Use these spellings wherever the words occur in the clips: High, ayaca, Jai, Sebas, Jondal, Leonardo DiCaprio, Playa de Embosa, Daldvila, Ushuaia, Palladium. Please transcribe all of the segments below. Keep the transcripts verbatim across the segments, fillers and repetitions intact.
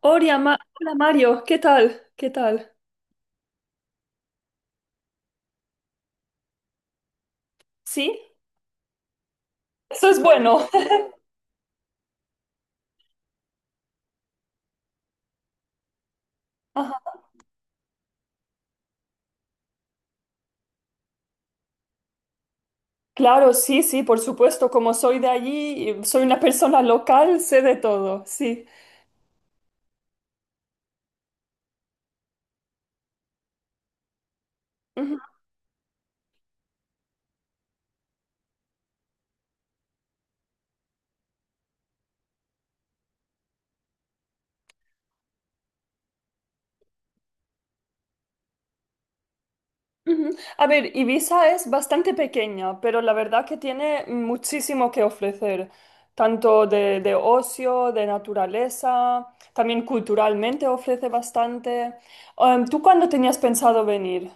Hola, Ma- hola Mario, ¿qué tal? ¿Qué tal? Sí, eso es bueno. Ajá. Claro, sí, sí, por supuesto, como soy de allí, y soy una persona local, sé de todo, sí. Ujú, ujú. A ver, Ibiza es bastante pequeña, pero la verdad que tiene muchísimo que ofrecer, tanto de, de ocio, de naturaleza, también culturalmente ofrece bastante. Em, ¿tú cuándo tenías pensado venir?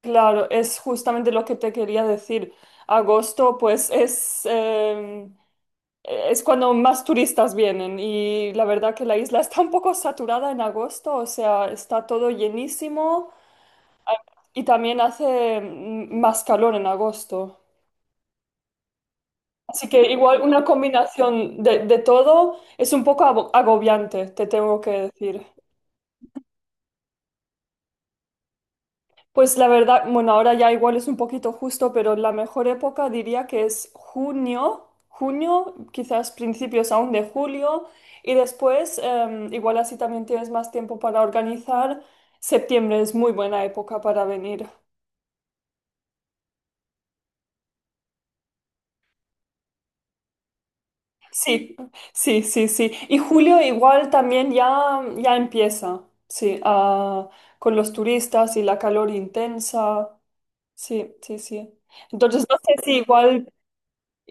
Claro, es justamente lo que te quería decir. Agosto, pues es, em, es cuando más turistas vienen y la verdad que la isla está un poco saturada en agosto, o sea, está todo llenísimo y también hace mm, más calor en agosto. Así que igual una combinación de, de todo es un poco abo- agobiante, te tengo que decir. Pues la verdad, bueno, ahora ya igual es un poquito justo, pero la mejor época diría que es junio, junio, quizás principios aún de julio, y después, em, igual así también tienes más tiempo para organizar. Septiembre es muy buena época para venir. Sí, sí, sí, sí. Y julio igual también ya, ya empieza, sí, a- con los turistas y la calor intensa. Sí, sí, sí. Entonces, no sé si igual.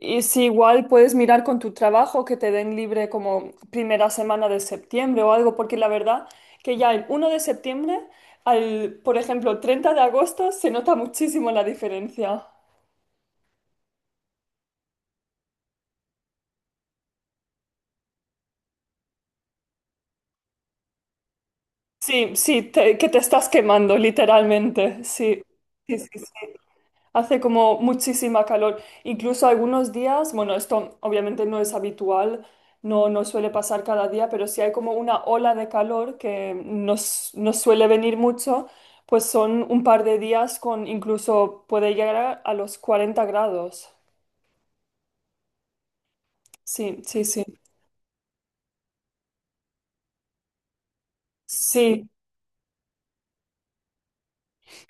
Y si igual puedes mirar con tu trabajo que te den libre como primera semana de septiembre o algo, porque la verdad que ya el uno de septiembre al, por ejemplo, treinta de agosto se nota muchísimo la diferencia. Sí, sí, te- que te estás quemando, literalmente. Sí, sí, sí, sí. Hace como muchísima calor. Incluso algunos días, bueno, esto obviamente no es habitual, no, no suele pasar cada día, pero si hay como una ola de calor que nos, nos suele venir mucho, pues son un par de días con incluso puede llegar a, a los cuarenta grados. Sí, sí, sí. Sí,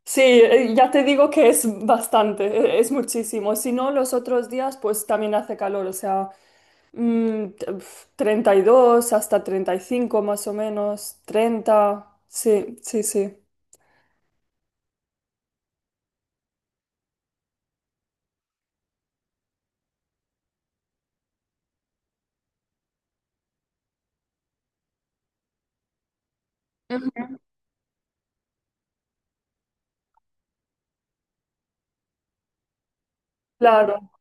sí, eh, ya te digo que es bastante, eh, es muchísimo. Si no, los otros días pues también hace calor, o sea... Mm, t- pf, treinta y dos hasta treinta y cinco más o menos, treinta, sí, sí, sí. Ujú. Claro,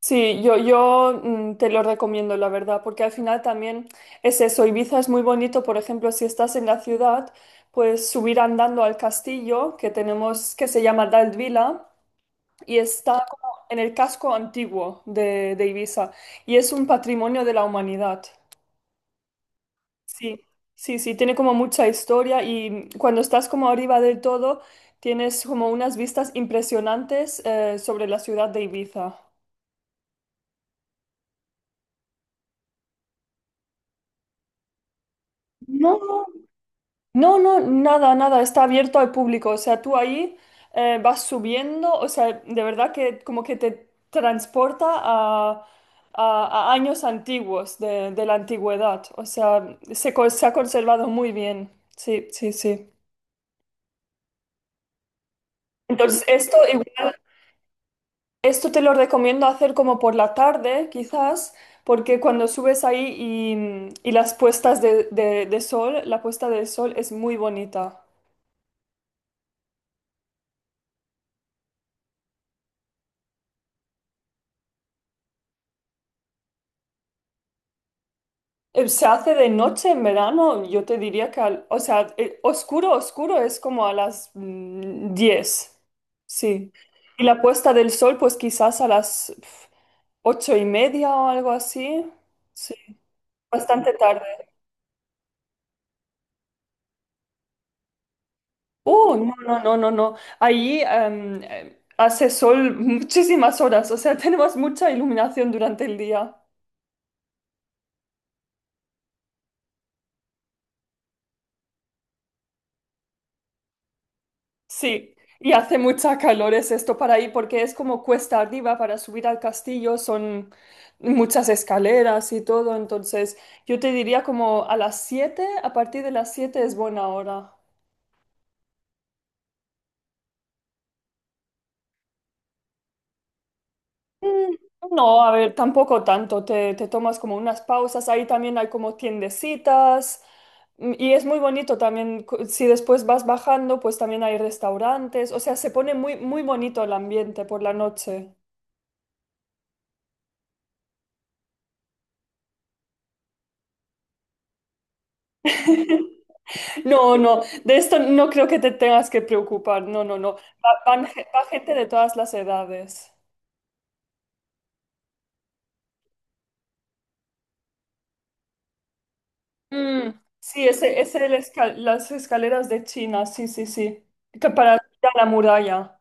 sí, yo, yo mm, te lo recomiendo, la verdad, porque al final también es eso, Ibiza es muy bonito, por ejemplo, si estás en la ciudad, pues subir andando al castillo que tenemos, que se llama Daldvila, y está como en el casco antiguo de, de Ibiza, y es un patrimonio de la humanidad. Sí, sí, sí, tiene como mucha historia y cuando estás como arriba del todo, tienes como unas vistas impresionantes eh, sobre la ciudad de Ibiza. No. No, no, nada, nada, está abierto al público, o sea, tú ahí eh, vas subiendo, o sea, de verdad que como que te transporta a, a- a años antiguos de, de la antigüedad, o sea, se, co- se ha conservado muy bien, sí, sí, sí. Entonces, esto igual. Esto te lo recomiendo hacer como por la tarde, quizás, porque cuando subes ahí y, y las puestas de, de- de sol, la puesta de sol es muy bonita. Eh, Se hace de noche en verano, yo te diría que, al- o sea, eh, oscuro, oscuro es como a las mm, diez, sí. Y la puesta del sol, pues quizás a las pf, ocho y media o algo así, sí, bastante tarde. Oh, no, no, no, no, no. Ahí em, em, hace sol muchísimas horas, o sea, tenemos mucha iluminación durante el día. Sí, y hace mucha calor es esto para ahí porque es como cuesta arriba para subir al castillo, son muchas escaleras y todo, entonces yo te diría como a las siete, a partir de las siete es buena hora. Mm. No, a ver, tampoco tanto. Te, te tomas como unas pausas. Ahí también hay como tiendecitas. mm, Y es muy bonito también. cu- Si después vas bajando, pues también hay restaurantes. O sea, se pone muy, muy bonito el ambiente por la noche. No, no, de esto no creo que te tengas que preocupar. No, no, no. Va, van ge- va gente de todas las edades. Mm, sí, ese, ese el esca- las escaleras de China. Sí, sí, sí. Que para ir a la muralla.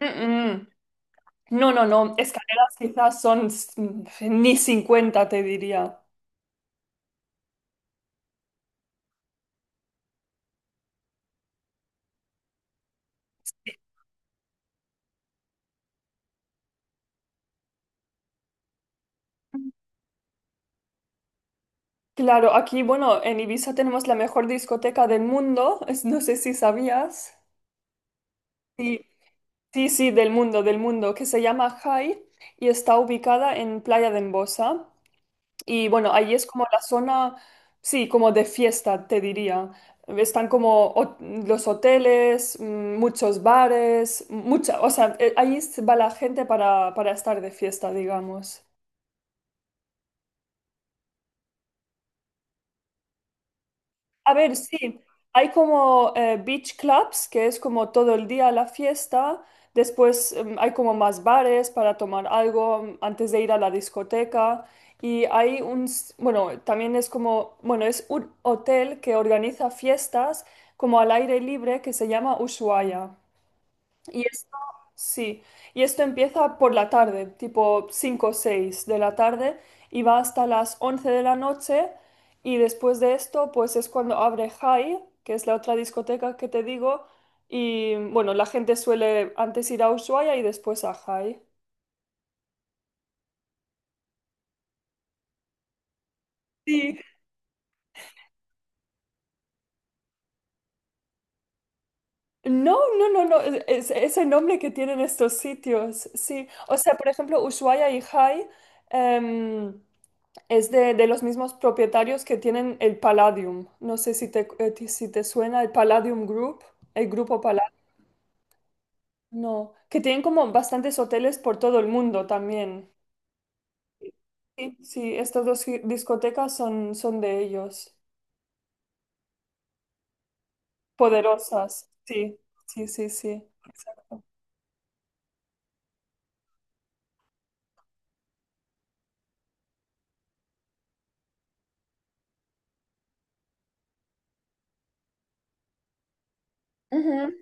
Mm, mm. No, no, no, escaleras quizás son s- ni cincuenta, te diría. Claro, aquí, bueno, en Ibiza tenemos la mejor discoteca del mundo, es- no sé si sabías. Sí, sí, sí, del mundo, del mundo, que se llama Jai y está ubicada en Playa de Embosa. Y bueno, ahí es como la zona, sí, como de fiesta, te diría. Están como ho- los hoteles, mm, muchos bares, mucha, o sea, eh, ahí va la gente para, para estar de fiesta, digamos. A ver, sí, hay como eh, beach clubs, que es como todo el día la fiesta, después em, hay como más bares para tomar algo mm, antes de ir a la discoteca y hay un, s- bueno, también es como, bueno, es un hotel que organiza fiestas como al aire libre que se llama Ushuaia. Y esto, sí, y esto empieza por la tarde, tipo cinco o seis de la tarde, y va hasta las once de la noche, y después de esto, pues es cuando abre High, que es la otra discoteca que te digo, y bueno, la gente suele antes ir a Ushuaia y después a High. Sí. No, no, no, no, es, es- es el nombre que tienen estos sitios, sí. O sea, por ejemplo, Ushuaia y High em, Es de, de los mismos propietarios que tienen el Palladium. No sé si te, eh, ti- si te suena el Palladium Group, el grupo Palladium. No, que tienen como bastantes hoteles por todo el mundo también. Sí, sí, estas dos gi- discotecas son, son de ellos. Poderosas, sí, sí, sí, sí. Ujú.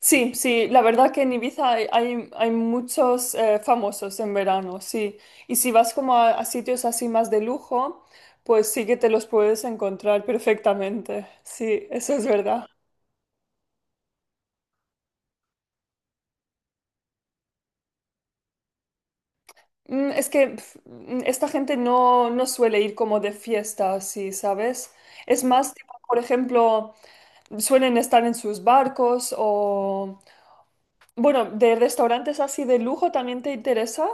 Sí, sí, la verdad que en Ibiza hay, hay, hay muchos eh, famosos en verano, sí. Y si vas como a, a sitios así más de lujo, pues sí que te los puedes encontrar perfectamente. Sí, eso es verdad. Mm, Es que pf, mm, esta gente no, no suele ir como de fiesta así, ¿sabes? Es más, tipo, por ejemplo, suelen estar en sus barcos o... Bueno, ¿de restaurantes así de lujo también te interesa?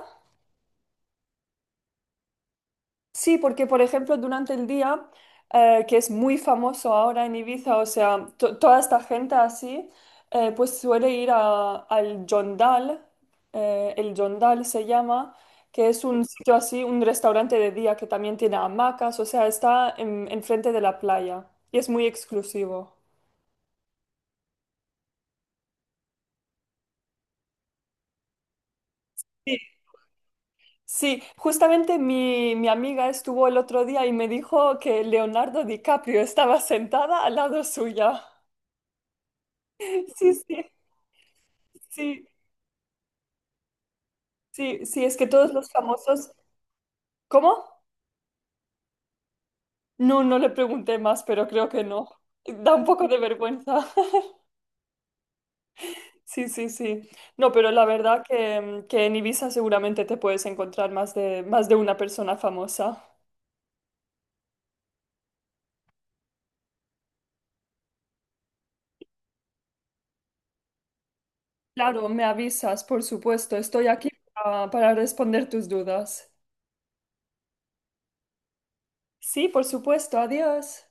Sí, porque por ejemplo durante el día, eh, que es muy famoso ahora en Ibiza, o sea, to- toda esta gente así, eh, pues suele ir a- al Jondal, eh, el Jondal se llama, que es un sitio así, un restaurante de día que también tiene hamacas, o sea, está en, enfrente de la playa y es muy exclusivo. Sí, sí, justamente mi, mi amiga estuvo el otro día y me dijo que Leonardo DiCaprio estaba sentada al lado suya. Sí, sí, sí. Sí, sí, es que todos los famosos... ¿Cómo? No, no le pregunté más, pero creo que no. Da un poco de vergüenza. Sí, sí, sí. No, pero la verdad que, mm, que en Ibiza seguramente te puedes encontrar más de, más de una persona famosa. Claro, me avisas, por supuesto. Estoy aquí para, para responder tus dudas. Sí, por supuesto. Adiós.